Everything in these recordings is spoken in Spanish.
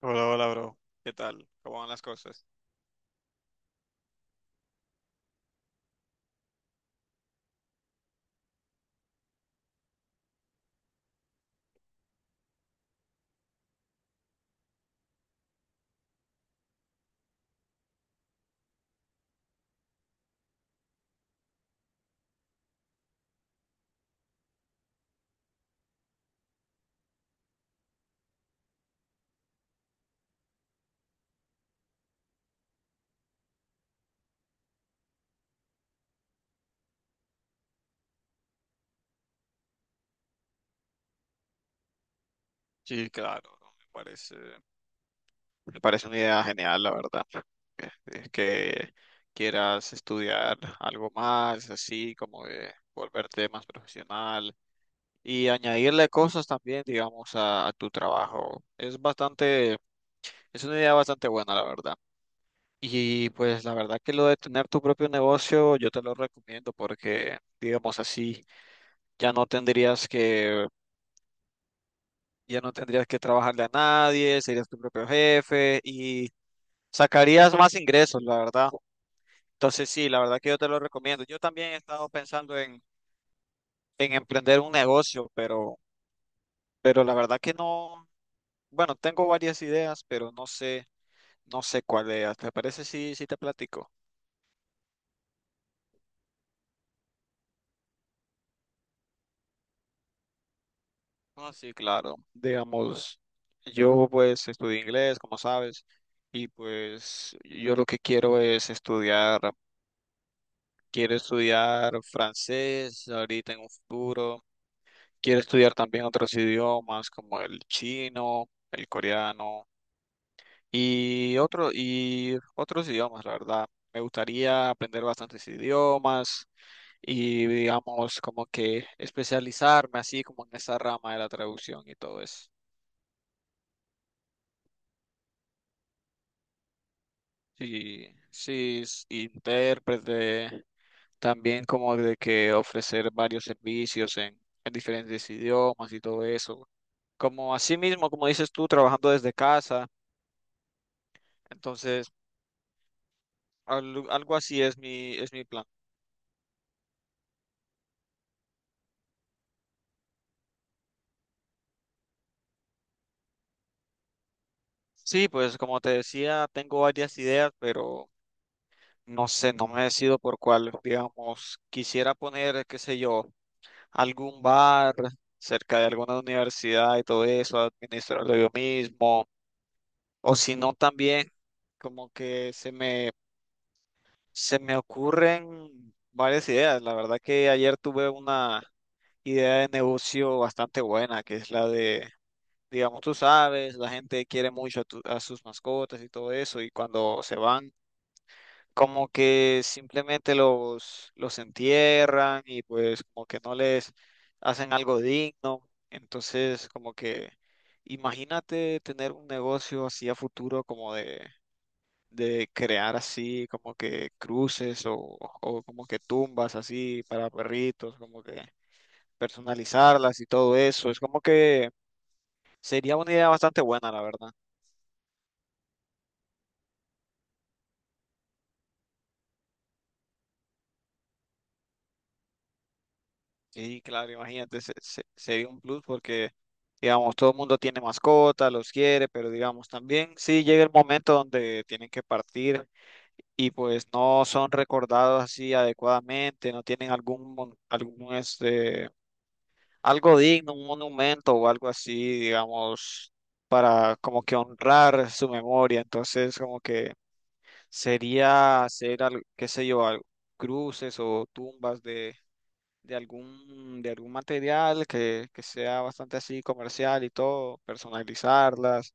Hola, hola, bro. ¿Qué tal? ¿Cómo van las cosas? Sí, claro, bro, me parece una idea genial, la verdad. Es que quieras estudiar algo más, así como de volverte más profesional y añadirle cosas también, digamos, a tu trabajo. Es una idea bastante buena, la verdad. Y pues la verdad que lo de tener tu propio negocio, yo te lo recomiendo porque, digamos así, ya no tendrías que ya no tendrías que trabajarle a nadie, serías tu propio jefe y sacarías más ingresos, la verdad. Entonces sí, la verdad que yo te lo recomiendo. Yo también he estado pensando en emprender un negocio, pero la verdad que no, bueno, tengo varias ideas, pero no sé cuál es. ¿Te parece si, si te platico? Ah, sí, claro. Digamos, yo pues estudio inglés, como sabes, y pues yo lo que quiero es estudiar. Quiero estudiar francés ahorita en un futuro. Quiero estudiar también otros idiomas como el chino, el coreano y otros idiomas, la verdad. Me gustaría aprender bastantes idiomas y digamos como que especializarme así como en esa rama de la traducción y todo eso. Sí, sí, intérprete, también como de que ofrecer varios servicios en diferentes idiomas y todo eso. Como así mismo, como dices tú, trabajando desde casa. Entonces, algo así es mi plan. Sí, pues como te decía, tengo varias ideas, pero no sé, no me decido por cuál. Digamos, quisiera poner, qué sé yo, algún bar cerca de alguna universidad y todo eso, administrarlo yo mismo. O si no, también como que se me ocurren varias ideas. La verdad que ayer tuve una idea de negocio bastante buena, que es la de, digamos, tú sabes, la gente quiere mucho a, a sus mascotas y todo eso, y cuando se van, como que simplemente los entierran y pues como que no les hacen algo digno. Entonces, como que imagínate tener un negocio así a futuro como de crear así como que cruces o como que tumbas así para perritos, como que personalizarlas y todo eso. Es como que sería una idea bastante buena, la verdad. Y claro, imagínate, sería un plus porque, digamos, todo el mundo tiene mascotas, los quiere, pero digamos, también sí llega el momento donde tienen que partir y pues no son recordados así adecuadamente, no tienen algún este, algo digno, un monumento o algo así, digamos, para como que honrar su memoria. Entonces, como que sería hacer, qué sé yo, cruces o tumbas de algún material que sea bastante así comercial y todo, personalizarlas,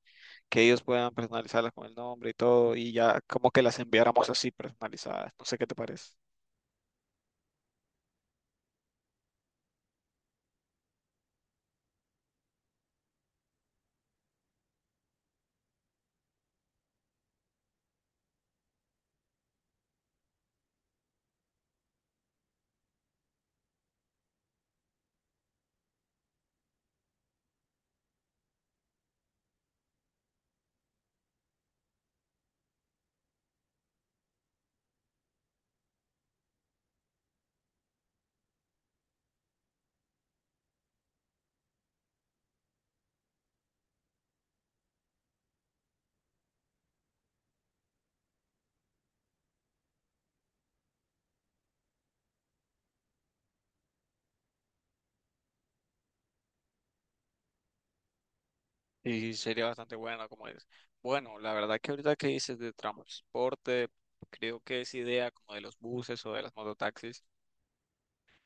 que ellos puedan personalizarlas con el nombre y todo, y ya como que las enviáramos así personalizadas. No sé qué te parece. Y sería bastante bueno, como es. Bueno, la verdad que ahorita que dices de transporte, creo que esa idea como de los buses o de las mototaxis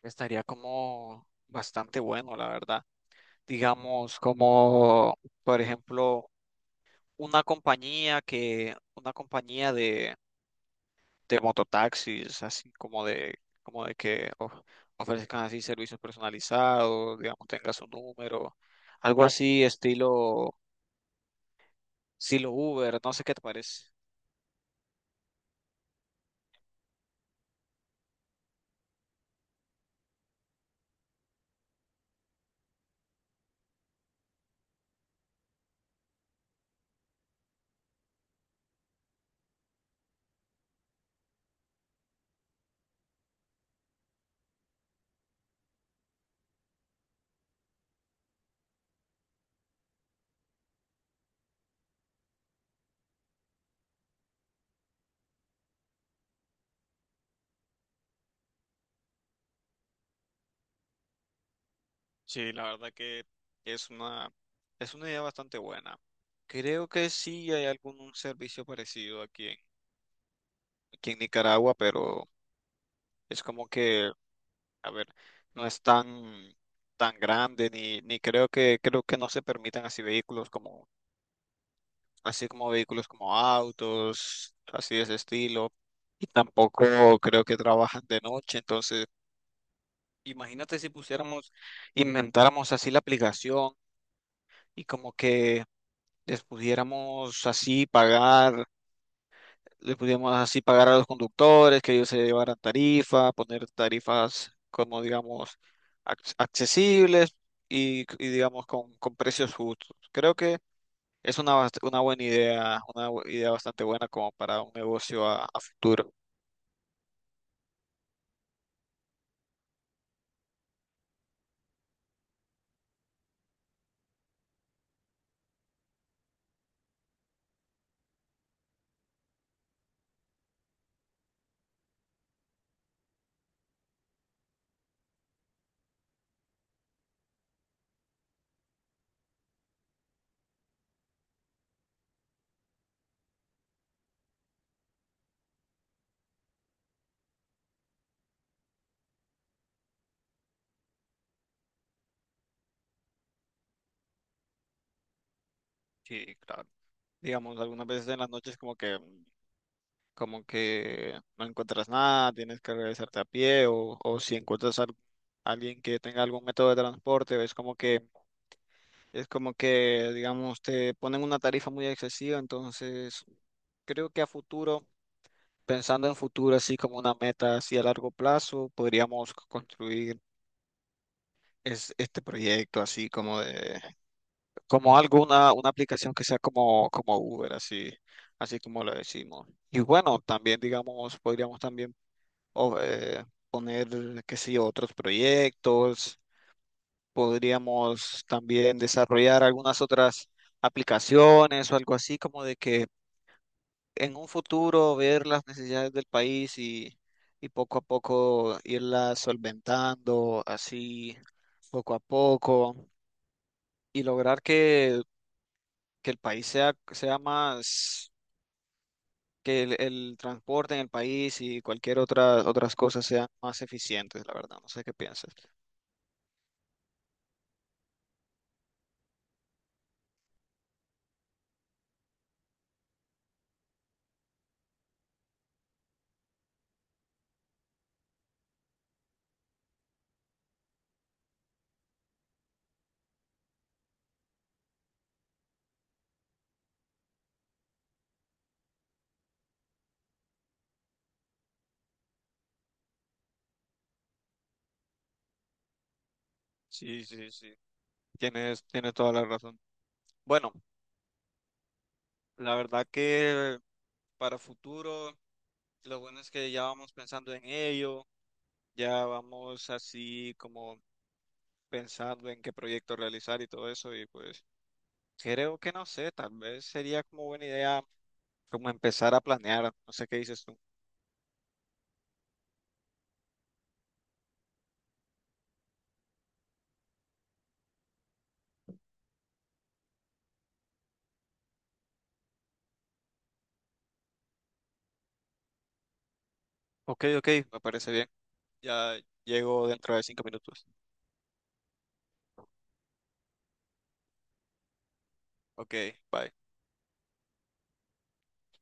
estaría como bastante bueno, la verdad. Digamos, como por ejemplo una compañía que, una compañía de mototaxis, así como de que ofrezcan así servicios personalizados, digamos, tenga su número, algo así estilo, estilo Uber, no sé qué te parece. Sí, la verdad que es una, es una idea bastante buena. Creo que sí hay algún un servicio parecido aquí en, aquí en Nicaragua, pero es como que, a ver, no es tan, tan grande, ni, ni creo que, creo que no se permitan así así como vehículos como autos, así de ese estilo. Y tampoco creo que trabajan de noche. Entonces, imagínate si pusiéramos, inventáramos así la aplicación y como que les pudiéramos así pagar le podíamos así pagar a los conductores, que ellos se llevaran tarifas, poner tarifas como digamos accesibles digamos con precios justos. Creo que una buena idea, idea bastante buena como para un negocio a futuro. Sí, claro. Digamos, algunas veces en las noches como que no encuentras nada, tienes que regresarte a pie o si encuentras a alguien que tenga algún método de transporte, es como que, es como que, digamos, te ponen una tarifa muy excesiva, entonces creo que a futuro, pensando en futuro, así como una meta así a largo plazo, podríamos construir este proyecto así como de, como algo, una aplicación que sea como Uber, así, así como lo decimos. Y bueno, también, digamos, podríamos también o- eh, poner, qué sé yo, otros proyectos. Podríamos también desarrollar algunas otras aplicaciones o algo así, como de que en un futuro ver las necesidades del país y poco a poco irlas solventando, así poco a poco, y lograr que el país sea, sea más, que el transporte en el país y cualquier otras cosas sean más eficientes, la verdad, no sé qué piensas. Sí, sí, sí. Tienes toda la razón. Bueno, la verdad que para futuro. Lo bueno es que ya vamos pensando en ello, ya vamos así como pensando en qué proyecto realizar y todo eso. Y pues creo que no sé, tal vez sería como buena idea como empezar a planear. No sé qué dices tú. Ok, ok, me parece bien. Ya llego dentro de 5 minutos. Ok, bye.